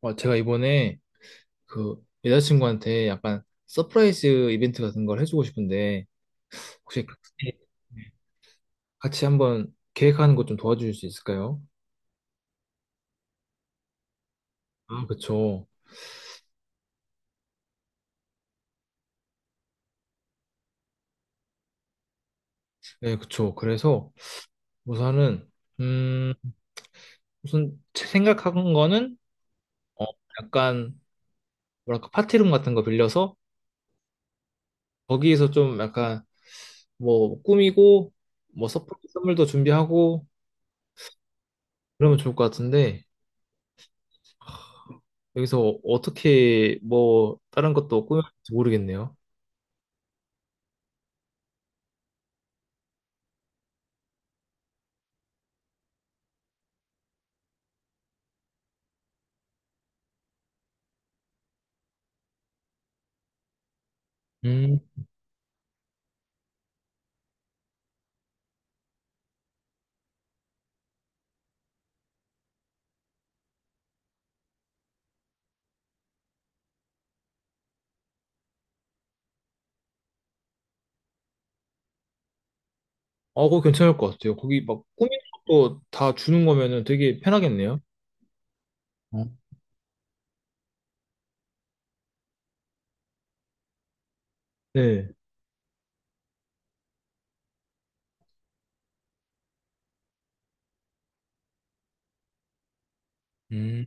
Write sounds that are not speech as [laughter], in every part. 어, 제가 이번에 그 여자친구한테 약간 서프라이즈 이벤트 같은 걸 해주고 싶은데 혹시 같이 한번 계획하는 것 좀 도와주실 수 있을까요? 아, 그쵸. 네, 그쵸. 그래서 우선은 음 우선 제 생각한 거는 어 약간 뭐랄까 파티룸 같은 거 빌려서 거기에서 좀 약간 뭐 꾸미고 뭐 서프라이즈 선물도 준비하고 그러면 좋을 것 같은데 여기서 어떻게 뭐 다른 것도 꾸밀지 모르겠네요. 음, 어, 그거 괜찮을 것 같아요. 거기 막 꾸미는 것도 다 주는 거면은 되게 편하겠네요. 어? 네. 음,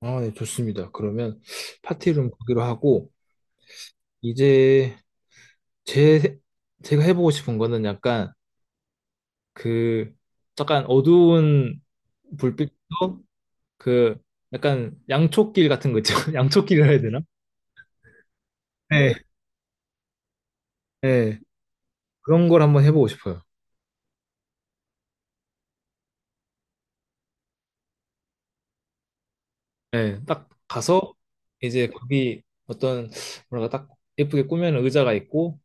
아, 네, 좋습니다. 그러면 파티룸 거기로 하고, 이제 제, 제가 해보고 싶은 거는 약간 그, 약간 어두운 불빛도 그, 약간 양초길 같은 거 있죠? [laughs] 양초길이라 해야 되나? 네. 네. 그런 걸 한번 해보고 싶어요. 네, 딱 가서 이제 거기 어떤 뭐랄까 딱 예쁘게 꾸며놓은 의자가 있고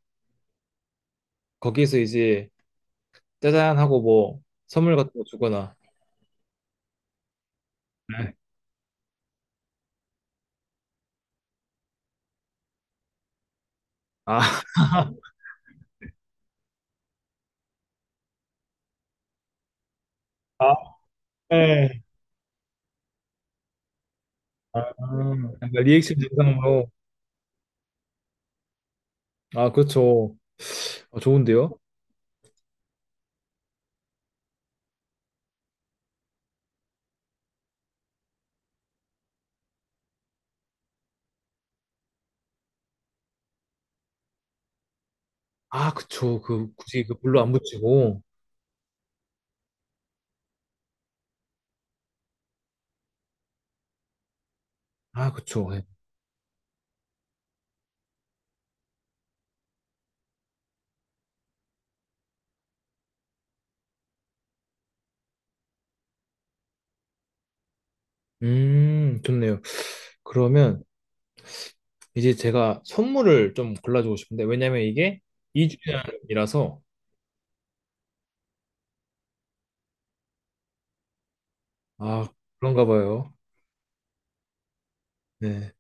거기에서 이제 짜잔 하고 뭐 선물 같은 거 주거나. 네. 아, [laughs] 아, 네. 아, 약간 리액션 영상으로. 아, 그렇죠. 아, 좋은데요. 아 그쵸, 그 굳이 그 물로 안 붙이고. 아, 그쵸. 네. 음, 좋네요. 그러면 이제 제가 선물을 좀 골라주고 싶은데 왜냐면 이게 이 주년이라서. 아, 그런가 봐요. 네,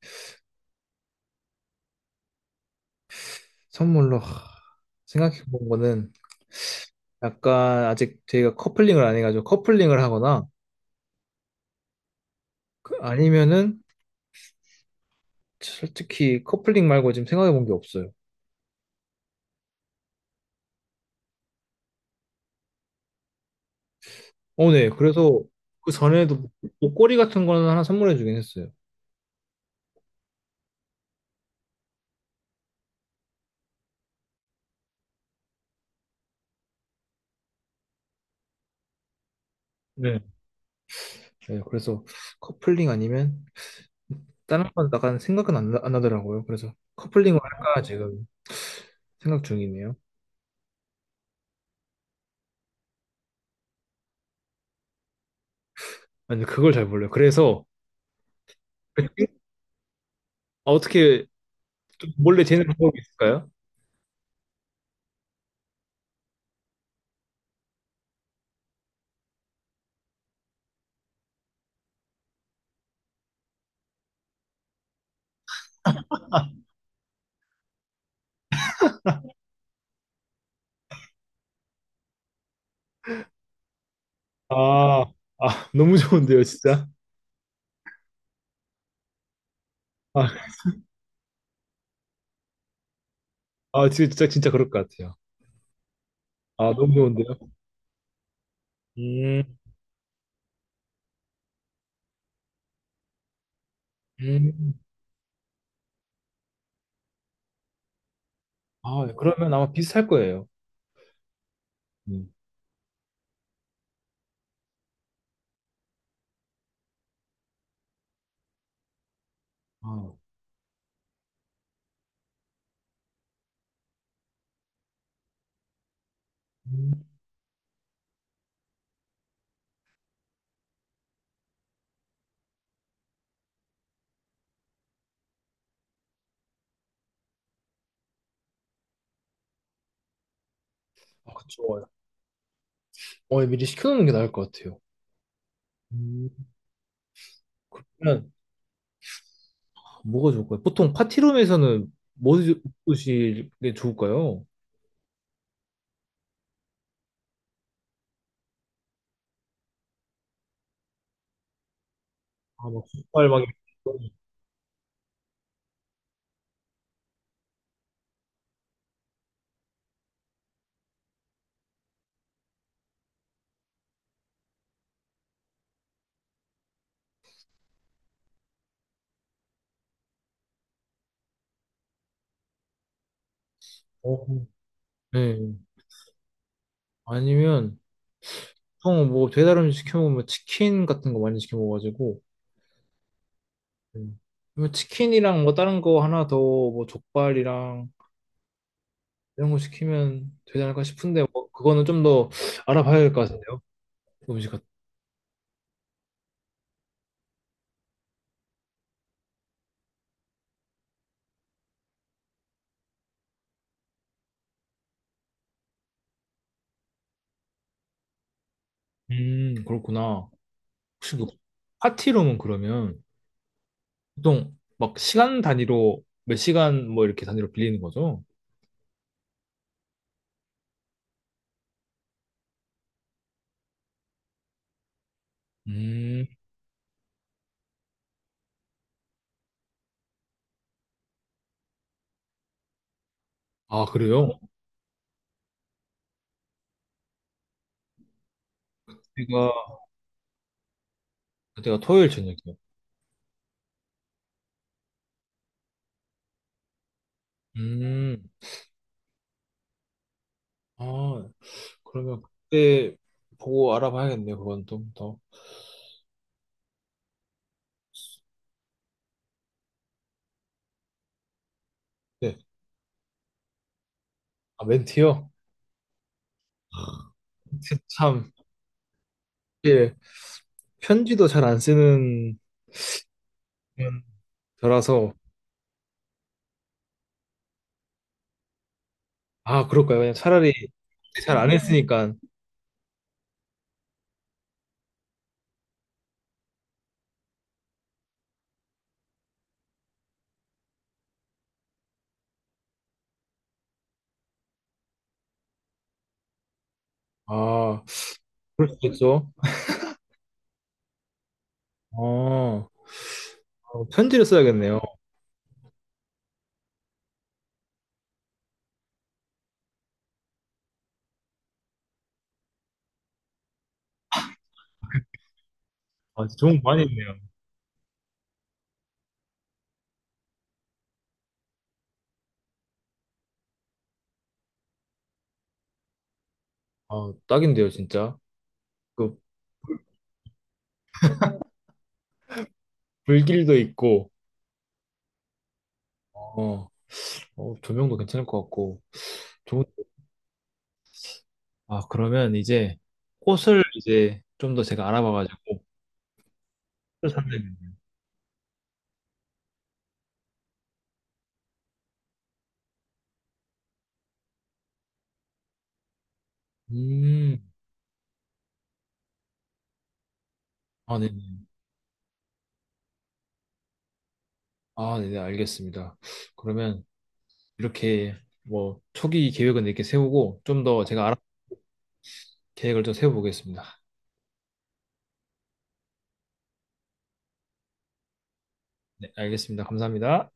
선물로 하, 생각해본 거는 약간 아직 저희가 커플링을 안 해가지고 커플링을 하거나 아니면은 솔직히 커플링 말고 지금 생각해본 게 없어요. 어, 네. 그래서 그 전에도 걸이 같은 거는 하나 선물해주긴 했어요. 네. 네, 그래서 커플링 아니면 다른 건 약간 생각은 안, 안 나더라고요. 그래서 커플링을 할까 지금 생각 중이네요. 아니, 근데 그걸 잘 몰라요. 그래서 아, 어떻게 좀 몰래 재는 방법이 있을까요? 아, 아, 너무 좋은데요, 진짜. 아, 아, 진짜, 진짜 그럴 것 같아요. 아, 너무 좋은데요. 음, 음. 아, 그러면 아마 비슷할 거예요. 음. 아, 음. 아, 그쵸. 어, 미리 시켜놓는 게 나을 것 같아요. 음. 그러면 뭐가 좋을까요? 보통 파티룸에서는 뭐 드실 게 좋을까요? 아, 막 족발 막 이런 거 있고. 네. 아니면 보통 뭐 배달 음식 시켜 먹으면 치킨 같은 거 많이 시켜 먹어가지고. 음. 그러면 치킨이랑 뭐 다른 거 하나 더 뭐 족발이랑 이런 거 시키면 되지 않을까 싶은데 뭐 그거는 좀 더 알아봐야 될 것 같은데요. 음식 같은. 그렇구나. 혹시 그 파티룸은 그러면 보통 막 시간 단위로 몇 시간 뭐 이렇게 단위로 빌리는 거죠? 음, 아, 그래요? 제가 그가 토요일 저녁이요. 음, 아, 그러면 그때 보고 알아봐야겠네요. 그건 좀 더. 네, 아, 멘트요? 아, 멘트 참, 예. 편지도 잘 안 쓰는 저라서. 아 그럴까요? 그냥 차라리 잘 안 했으니까. 아, 그럴 수 있죠. 아, 어, 편지를 써야겠네요. 아, 좋은 거 많이 있네요. 아, 딱인데요 진짜. 그 불길도 있고 어, 어, 조명도 괜찮을 것 같고 좋은. 아 그러면 이제 꽃을 이제 좀 더 제가 알아봐가지고 꽃을 산다겠네요. 음, 아 네네. 아 네네, 알겠습니다. 그러면 이렇게 뭐 초기 계획은 이렇게 세우고 좀 더 제가 알아 계획을 좀 세워보겠습니다. 네, 알겠습니다. 감사합니다.